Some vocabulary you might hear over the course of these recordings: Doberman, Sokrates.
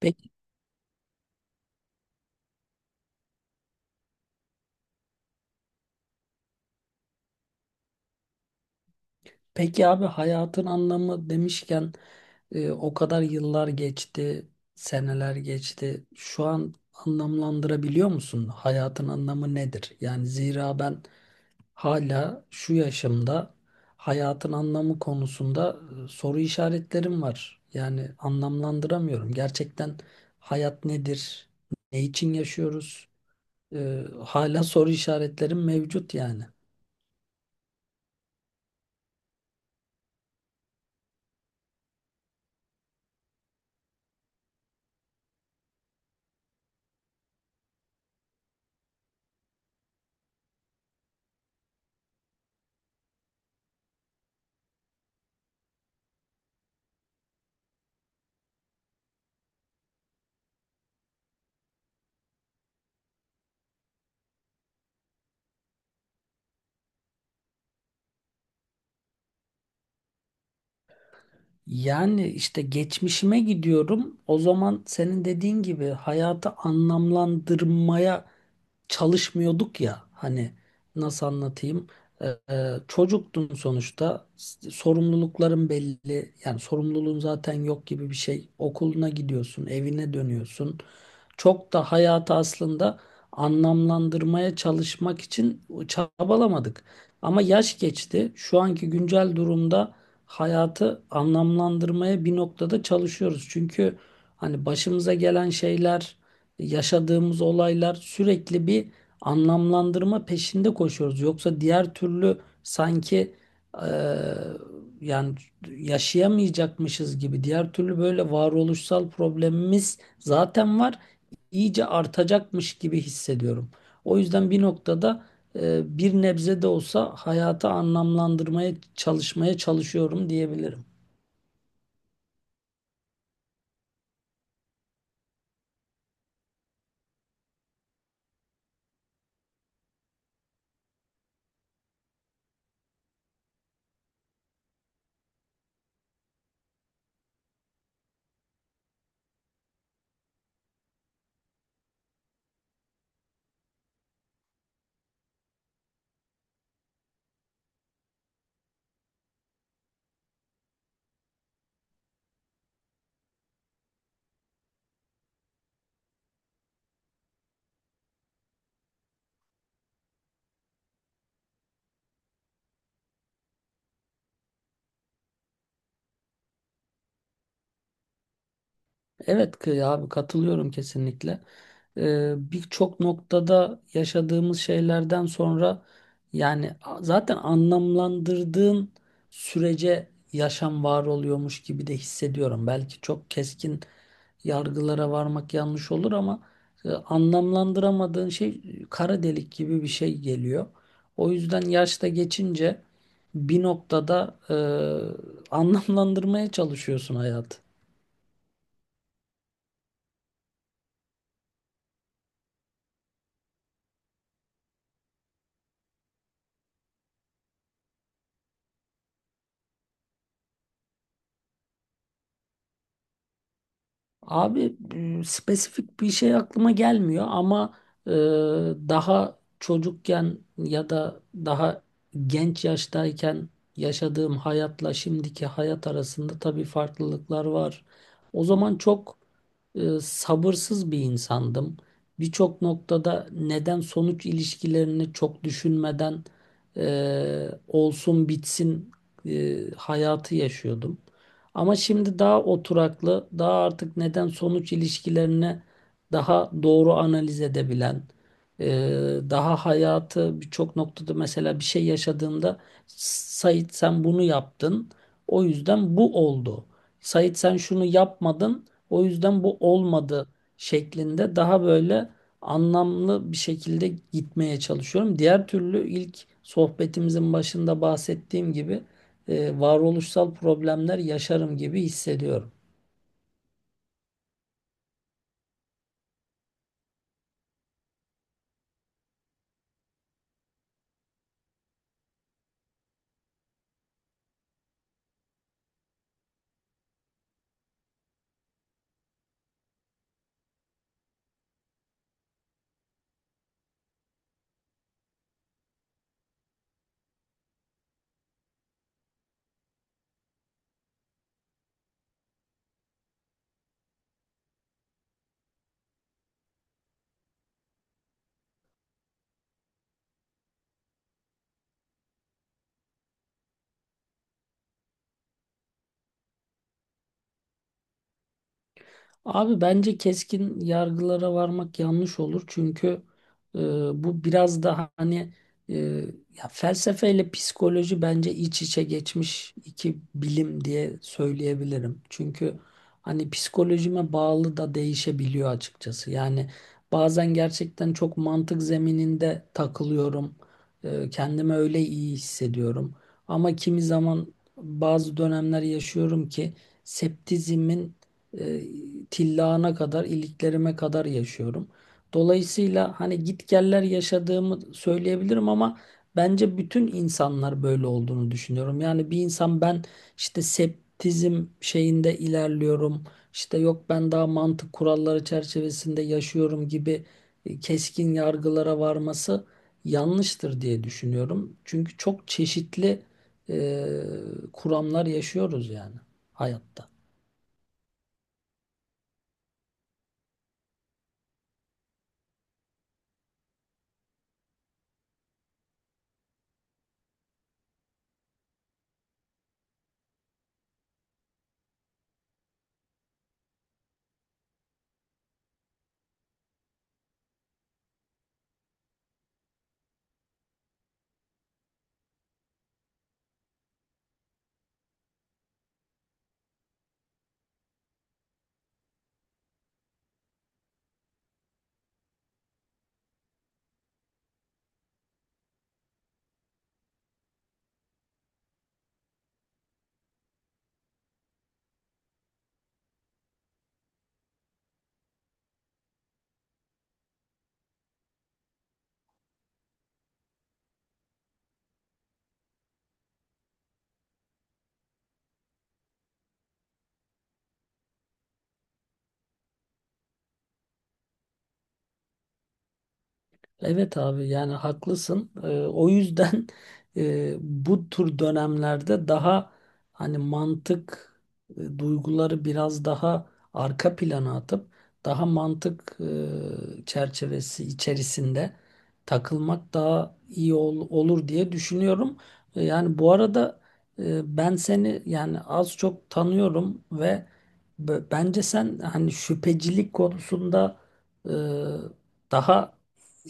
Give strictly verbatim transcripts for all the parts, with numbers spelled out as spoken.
Peki, peki abi hayatın anlamı demişken e, o kadar yıllar geçti, seneler geçti. Şu an anlamlandırabiliyor musun? Hayatın anlamı nedir? Yani zira ben hala şu yaşımda hayatın anlamı konusunda e, soru işaretlerim var. Yani anlamlandıramıyorum. Gerçekten hayat nedir? Ne için yaşıyoruz? Ee, hala soru işaretlerim mevcut yani. Yani işte geçmişime gidiyorum. O zaman senin dediğin gibi hayatı anlamlandırmaya çalışmıyorduk ya. Hani nasıl anlatayım? Ee, e, çocuktun sonuçta. S- Sorumlulukların belli. Yani sorumluluğun zaten yok gibi bir şey. Okuluna gidiyorsun, evine dönüyorsun. Çok da hayatı aslında anlamlandırmaya çalışmak için çabalamadık. Ama yaş geçti. Şu anki güncel durumda hayatı anlamlandırmaya bir noktada çalışıyoruz. Çünkü hani başımıza gelen şeyler, yaşadığımız olaylar sürekli bir anlamlandırma peşinde koşuyoruz. Yoksa diğer türlü sanki eee, yani yaşayamayacakmışız gibi diğer türlü böyle varoluşsal problemimiz zaten var, iyice artacakmış gibi hissediyorum. O yüzden bir noktada e, bir nebze de olsa hayatı anlamlandırmaya çalışmaya çalışıyorum diyebilirim. Evet ki abi, katılıyorum kesinlikle. E, birçok noktada yaşadığımız şeylerden sonra, yani a- zaten anlamlandırdığın sürece yaşam var oluyormuş gibi de hissediyorum. Belki çok keskin yargılara varmak yanlış olur ama e, anlamlandıramadığın şey e, kara delik gibi bir şey geliyor. O yüzden yaşta geçince bir noktada e, anlamlandırmaya çalışıyorsun hayatı. Abi, e, spesifik bir şey aklıma gelmiyor ama e, daha çocukken ya da daha genç yaştayken yaşadığım hayatla şimdiki hayat arasında tabii farklılıklar var. O zaman çok e, sabırsız bir insandım. Birçok noktada neden sonuç ilişkilerini çok düşünmeden e, olsun bitsin e, hayatı yaşıyordum. Ama şimdi daha oturaklı, daha artık neden sonuç ilişkilerini daha doğru analiz edebilen, e, daha hayatı birçok noktada, mesela bir şey yaşadığında, Sait sen bunu yaptın, o yüzden bu oldu. Sait sen şunu yapmadın, o yüzden bu olmadı şeklinde daha böyle anlamlı bir şekilde gitmeye çalışıyorum. Diğer türlü, ilk sohbetimizin başında bahsettiğim gibi, e, varoluşsal problemler yaşarım gibi hissediyorum. Abi bence keskin yargılara varmak yanlış olur. Çünkü e, bu biraz da hani, e, ya, felsefeyle psikoloji bence iç içe geçmiş iki bilim diye söyleyebilirim. Çünkü hani psikolojime bağlı da değişebiliyor açıkçası. Yani bazen gerçekten çok mantık zemininde takılıyorum. E, kendimi öyle iyi hissediyorum. Ama kimi zaman bazı dönemler yaşıyorum ki septizimin e, tillağına kadar, iliklerime kadar yaşıyorum. Dolayısıyla hani gitgeller yaşadığımı söyleyebilirim, ama bence bütün insanlar böyle olduğunu düşünüyorum. Yani bir insan, ben işte septizm şeyinde ilerliyorum, işte yok ben daha mantık kuralları çerçevesinde yaşıyorum gibi e, keskin yargılara varması yanlıştır diye düşünüyorum. Çünkü çok çeşitli e, kuramlar yaşıyoruz yani hayatta. Evet abi, yani haklısın. Ee, o yüzden e, bu tür dönemlerde daha hani mantık, e, duyguları biraz daha arka plana atıp daha mantık e, çerçevesi içerisinde takılmak daha iyi ol- olur diye düşünüyorum. E, yani bu arada, e, ben seni yani az çok tanıyorum ve b- bence sen hani şüphecilik konusunda e, daha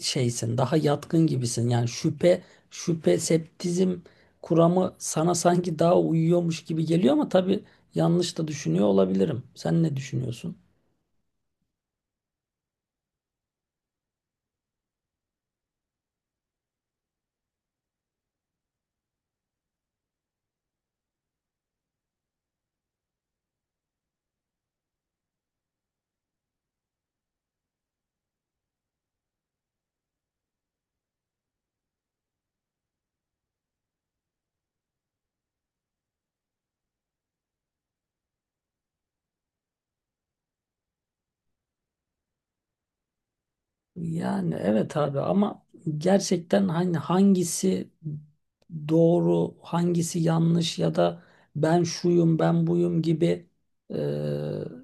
şeysin, daha yatkın gibisin. Yani şüphe, şüphe, septizm kuramı sana sanki daha uyuyormuş gibi geliyor, ama tabii yanlış da düşünüyor olabilirim. Sen ne düşünüyorsun? Yani evet abi, ama gerçekten hani hangisi doğru, hangisi yanlış ya da ben şuyum, ben buyum gibi e,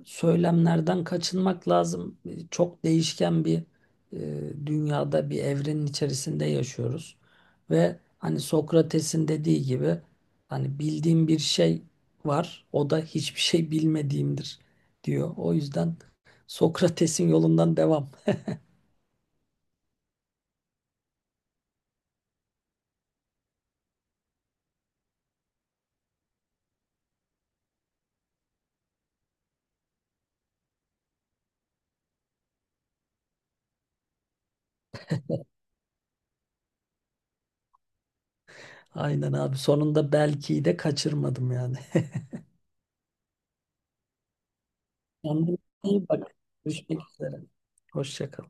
söylemlerden kaçınmak lazım. Çok değişken bir e, dünyada, bir evrenin içerisinde yaşıyoruz. Ve hani Sokrates'in dediği gibi, hani bildiğim bir şey var, o da hiçbir şey bilmediğimdir diyor. O yüzden Sokrates'in yolundan devam. Aynen abi. Sonunda belki de kaçırmadım yani. Kendine iyi bak. Görüşmek üzere. Hoşça kal.